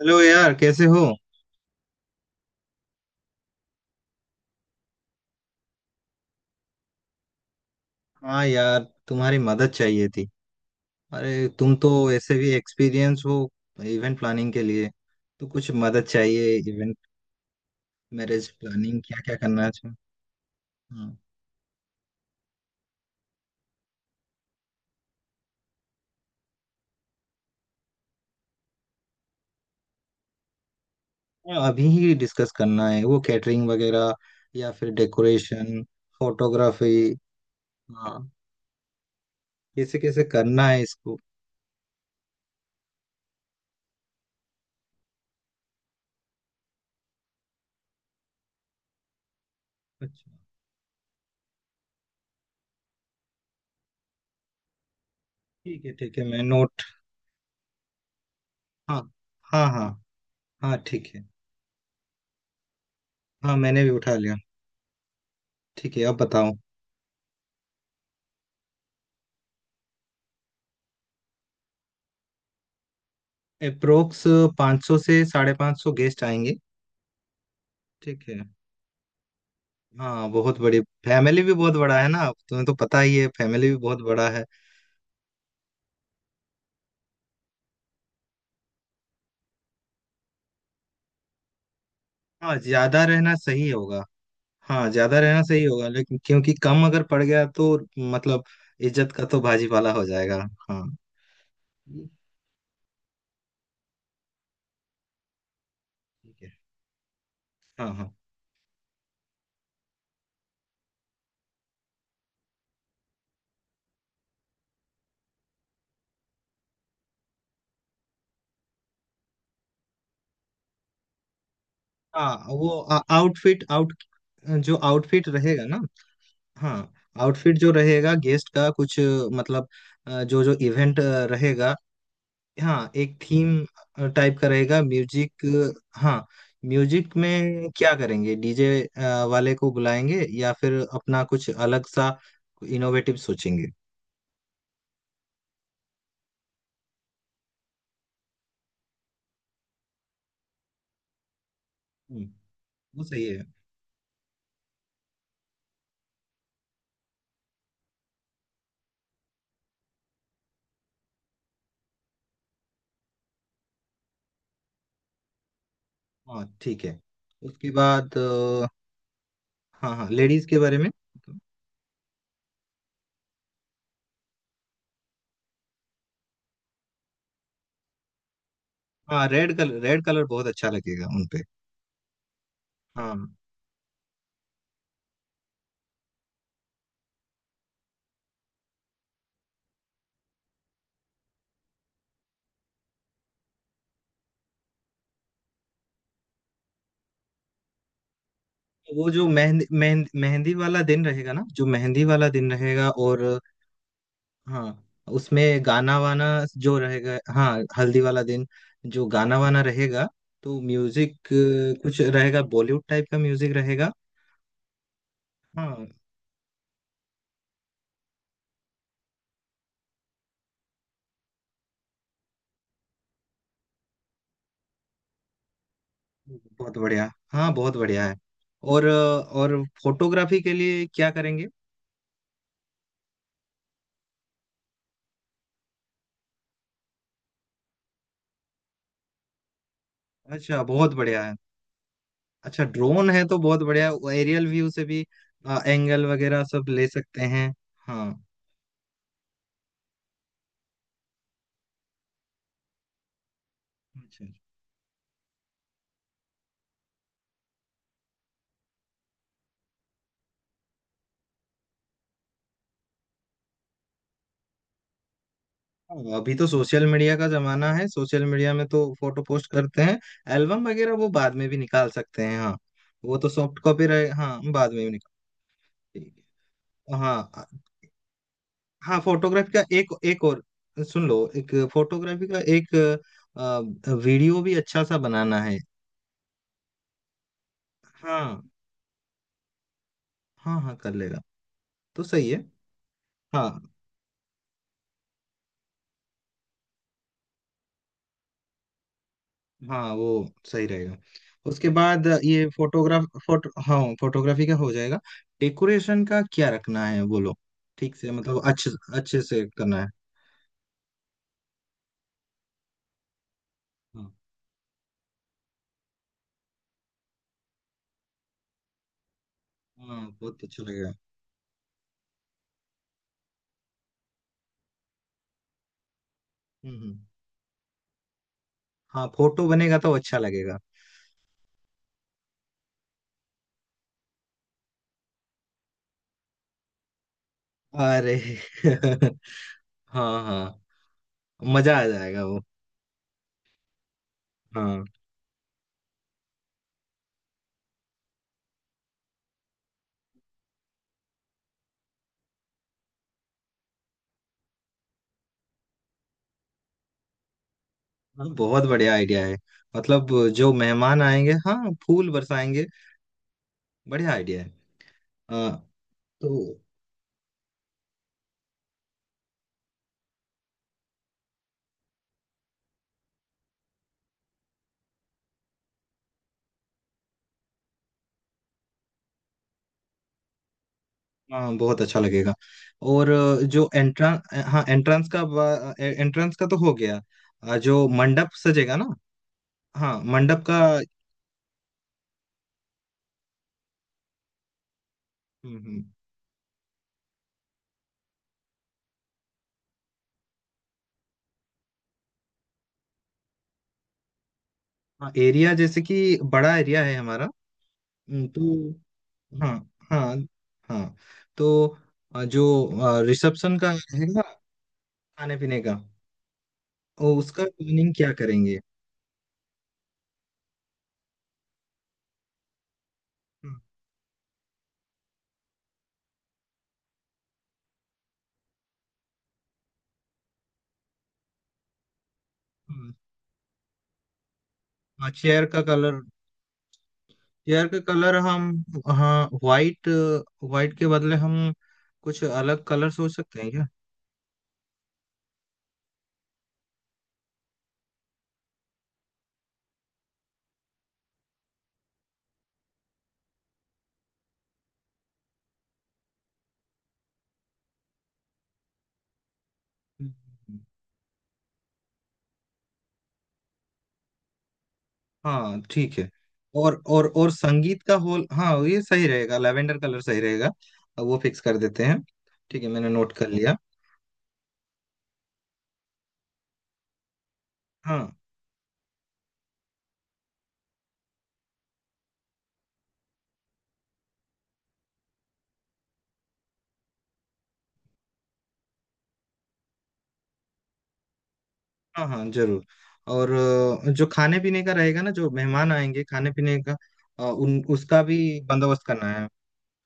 Hello यार, कैसे हो? हाँ यार, तुम्हारी मदद चाहिए थी। अरे तुम तो ऐसे भी एक्सपीरियंस हो, इवेंट प्लानिंग के लिए। तो कुछ मदद चाहिए, इवेंट मैरिज प्लानिंग, क्या क्या करना है इसमें? हाँ। हाँ, अभी ही डिस्कस करना है, वो कैटरिंग वगैरह या फिर डेकोरेशन, फोटोग्राफी। हाँ। कैसे कैसे करना है इसको? अच्छा। ठीक है ठीक है, मैं नोट। हाँ हाँ। हाँ। हाँ ठीक है। हाँ मैंने भी उठा लिया। ठीक है अब बताओ। अप्रोक्स 500 से साढ़े पाँच सौ गेस्ट आएंगे। ठीक है। हाँ बहुत बड़ी। फैमिली भी बहुत बड़ा है ना, तुम्हें तो पता ही है, फैमिली भी बहुत बड़ा है। हाँ ज्यादा रहना सही होगा। हाँ ज्यादा रहना सही होगा, लेकिन क्योंकि कम अगर पड़ गया तो मतलब इज्जत का तो भाजीपाला हो जाएगा। हाँ। ये ठीक है। हाँ हाँ। हाँ वो आउटफिट आउट, जो आउटफिट रहेगा ना। हाँ। आउटफिट जो रहेगा गेस्ट का, कुछ मतलब जो जो इवेंट रहेगा। हाँ एक थीम टाइप का रहेगा, म्यूजिक। हाँ। म्यूजिक में क्या करेंगे? डीजे वाले को बुलाएंगे, या फिर अपना कुछ अलग सा इनोवेटिव सोचेंगे। हम्म, वो सही है। हाँ ठीक है। उसके बाद हाँ हाँ, लेडीज के बारे में। हाँ रेड कलर, रेड कलर बहुत अच्छा लगेगा उनपे। हाँ तो वो जो मेहंदी मेहंदी मेहंदी वाला दिन रहेगा ना, जो मेहंदी वाला दिन रहेगा, और हाँ उसमें गाना वाना जो रहेगा। हाँ हल्दी वाला दिन, जो गाना वाना रहेगा, तो म्यूजिक कुछ रहेगा, बॉलीवुड टाइप का म्यूजिक रहेगा। हाँ बहुत बढ़िया, हाँ बहुत बढ़िया है। और और फोटोग्राफी के लिए क्या करेंगे? अच्छा, बहुत बढ़िया है। अच्छा, ड्रोन है तो बहुत बढ़िया। एरियल व्यू से भी एंगल वगैरह सब ले सकते हैं। हाँ। अच्छा। हाँ, अभी तो सोशल मीडिया का जमाना है, सोशल मीडिया में तो फोटो पोस्ट करते हैं। एल्बम वगैरह वो बाद में भी निकाल सकते हैं, हाँ। वो तो सॉफ्ट कॉपी रहे, हाँ बाद में भी निकाल। ठीक है। हाँ। हाँ फोटोग्राफी का एक एक और सुन लो, एक फोटोग्राफी का एक वीडियो भी अच्छा सा बनाना है। हाँ। हाँ हाँ कर लेगा, तो सही है। हाँ। हाँ वो सही रहेगा। उसके बाद ये फोटो, हाँ फोटोग्राफी का हो जाएगा। डेकोरेशन का क्या रखना है बोलो? ठीक से, मतलब अच्छे अच्छे से करना है। हाँ। हाँ बहुत अच्छा लगेगा। हम्म हम्म। हाँ फोटो बनेगा तो अच्छा लगेगा। अरे हाँ हाँ। मजा आ जाएगा वो। हाँ। हाँ, बहुत बढ़िया आइडिया है, मतलब जो मेहमान आएंगे, हाँ फूल बरसाएंगे। बढ़िया आइडिया है। हाँ। तो हाँ बहुत अच्छा लगेगा। और जो एंट्रेंस, हाँ एंट्रेंस का, एंट्रेंस का तो हो गया। जो मंडप सजेगा ना। हाँ मंडप का। हम्म, हम्म, हाँ एरिया जैसे कि बड़ा एरिया है हमारा। तो हाँ, हाँ, हाँ। तो जो रिसेप्शन का है ना, खाने पीने का, ओ, उसका प्लानिंग क्या करेंगे? हम्म, हम्म, हाँ चेयर का कलर, चेयर का कलर हम, हाँ वाइट, वाइट के बदले हम कुछ अलग कलर सोच सकते हैं क्या? हम्म। हाँ ठीक है। और और संगीत का होल, हाँ ये सही रहेगा, लेवेंडर कलर सही रहेगा। अब वो फिक्स कर देते हैं। ठीक है, मैंने नोट कर लिया। हाँ हाँ। हाँ जरूर। और जो खाने पीने का रहेगा ना, जो मेहमान आएंगे खाने पीने का, अ, उन उसका भी बंदोबस्त करना है।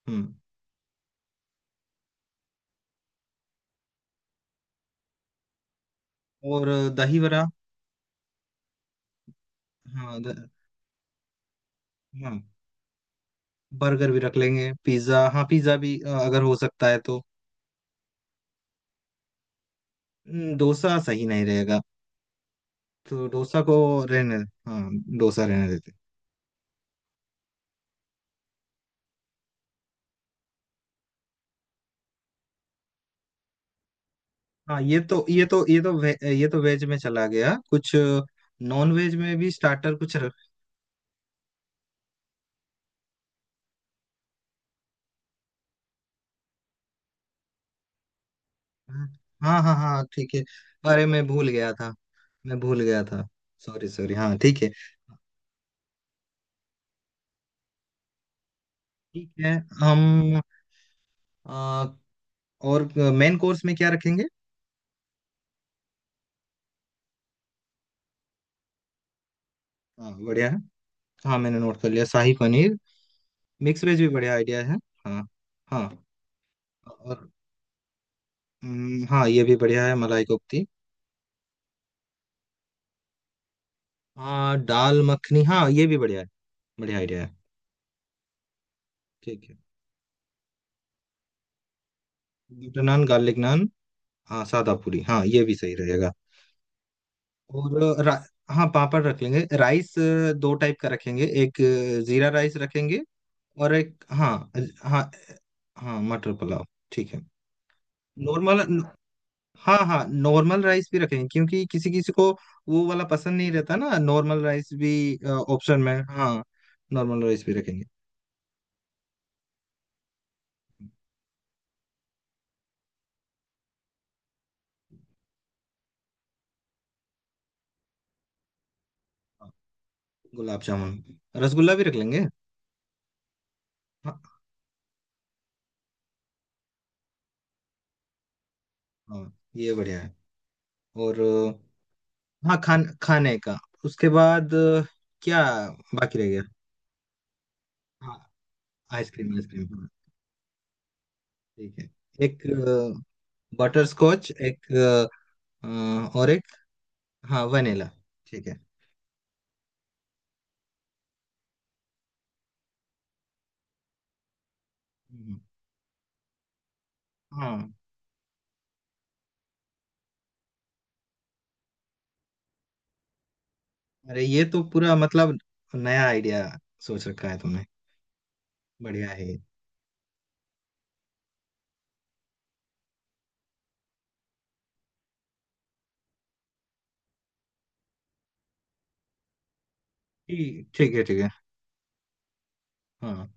हम्म। और दही वड़ा। हाँ द, हाँ बर्गर भी रख लेंगे, पिज्जा, हाँ पिज्जा भी, अगर हो सकता है तो। डोसा सही नहीं रहेगा, तो डोसा को रहने, हाँ डोसा रहने देते। हाँ ये तो ये तो वेज में चला गया कुछ, नॉन वेज में भी स्टार्टर कुछ रख। हाँ हाँ। हाँ, हाँ, ठीक है। अरे मैं भूल गया था। सॉरी सॉरी, हाँ ठीक है। ठीक है। हम अ, और मेन कोर्स में क्या रखेंगे? हाँ बढ़िया है। हाँ मैंने नोट कर लिया, शाही पनीर। मिक्स वेज भी बढ़िया आइडिया है। हाँ हाँ। और हाँ ये भी बढ़िया है, मलाई कोफ्ती। हाँ दाल मखनी, हाँ ये भी बढ़िया है, बढ़िया आइडिया है। ठीक है, बटर नान, गार्लिक नान, हाँ सादा पूरी, हाँ ये भी सही रहेगा। और हाँ पापड़ रख लेंगे। राइस दो टाइप का रखेंगे, एक जीरा राइस रखेंगे, और एक हाँ हाँ हाँ मटर पुलाव। ठीक है। नॉर्मल, हाँ हाँ नॉर्मल राइस भी रखेंगे, क्योंकि किसी किसी को वो वाला पसंद नहीं रहता ना, नॉर्मल राइस भी ऑप्शन में, हाँ नॉर्मल राइस भी रखेंगे। गुलाब जामुन, रसगुल्ला भी रख लेंगे। हाँ हाँ ये बढ़िया है। और हाँ खाने का। उसके बाद क्या बाकी रह गया? हाँ आइसक्रीम, आइसक्रीम, हाँ, ठीक है। एक बटर स्कॉच, एक और एक हाँ वनीला। ठीक है। हम्म, हाँ। अरे ये तो पूरा मतलब, नया आइडिया सोच रखा है तुमने। बढ़िया है ये। ठीक, ठीक है ठीक है। हाँ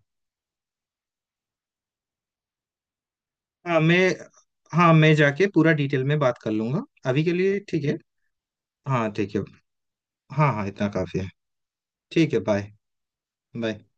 हाँ। मैं हाँ मैं जाके पूरा डिटेल में बात कर लूंगा, अभी के लिए ठीक है। हाँ ठीक है, हाँ हाँ इतना काफी है। ठीक है बाय। बाय।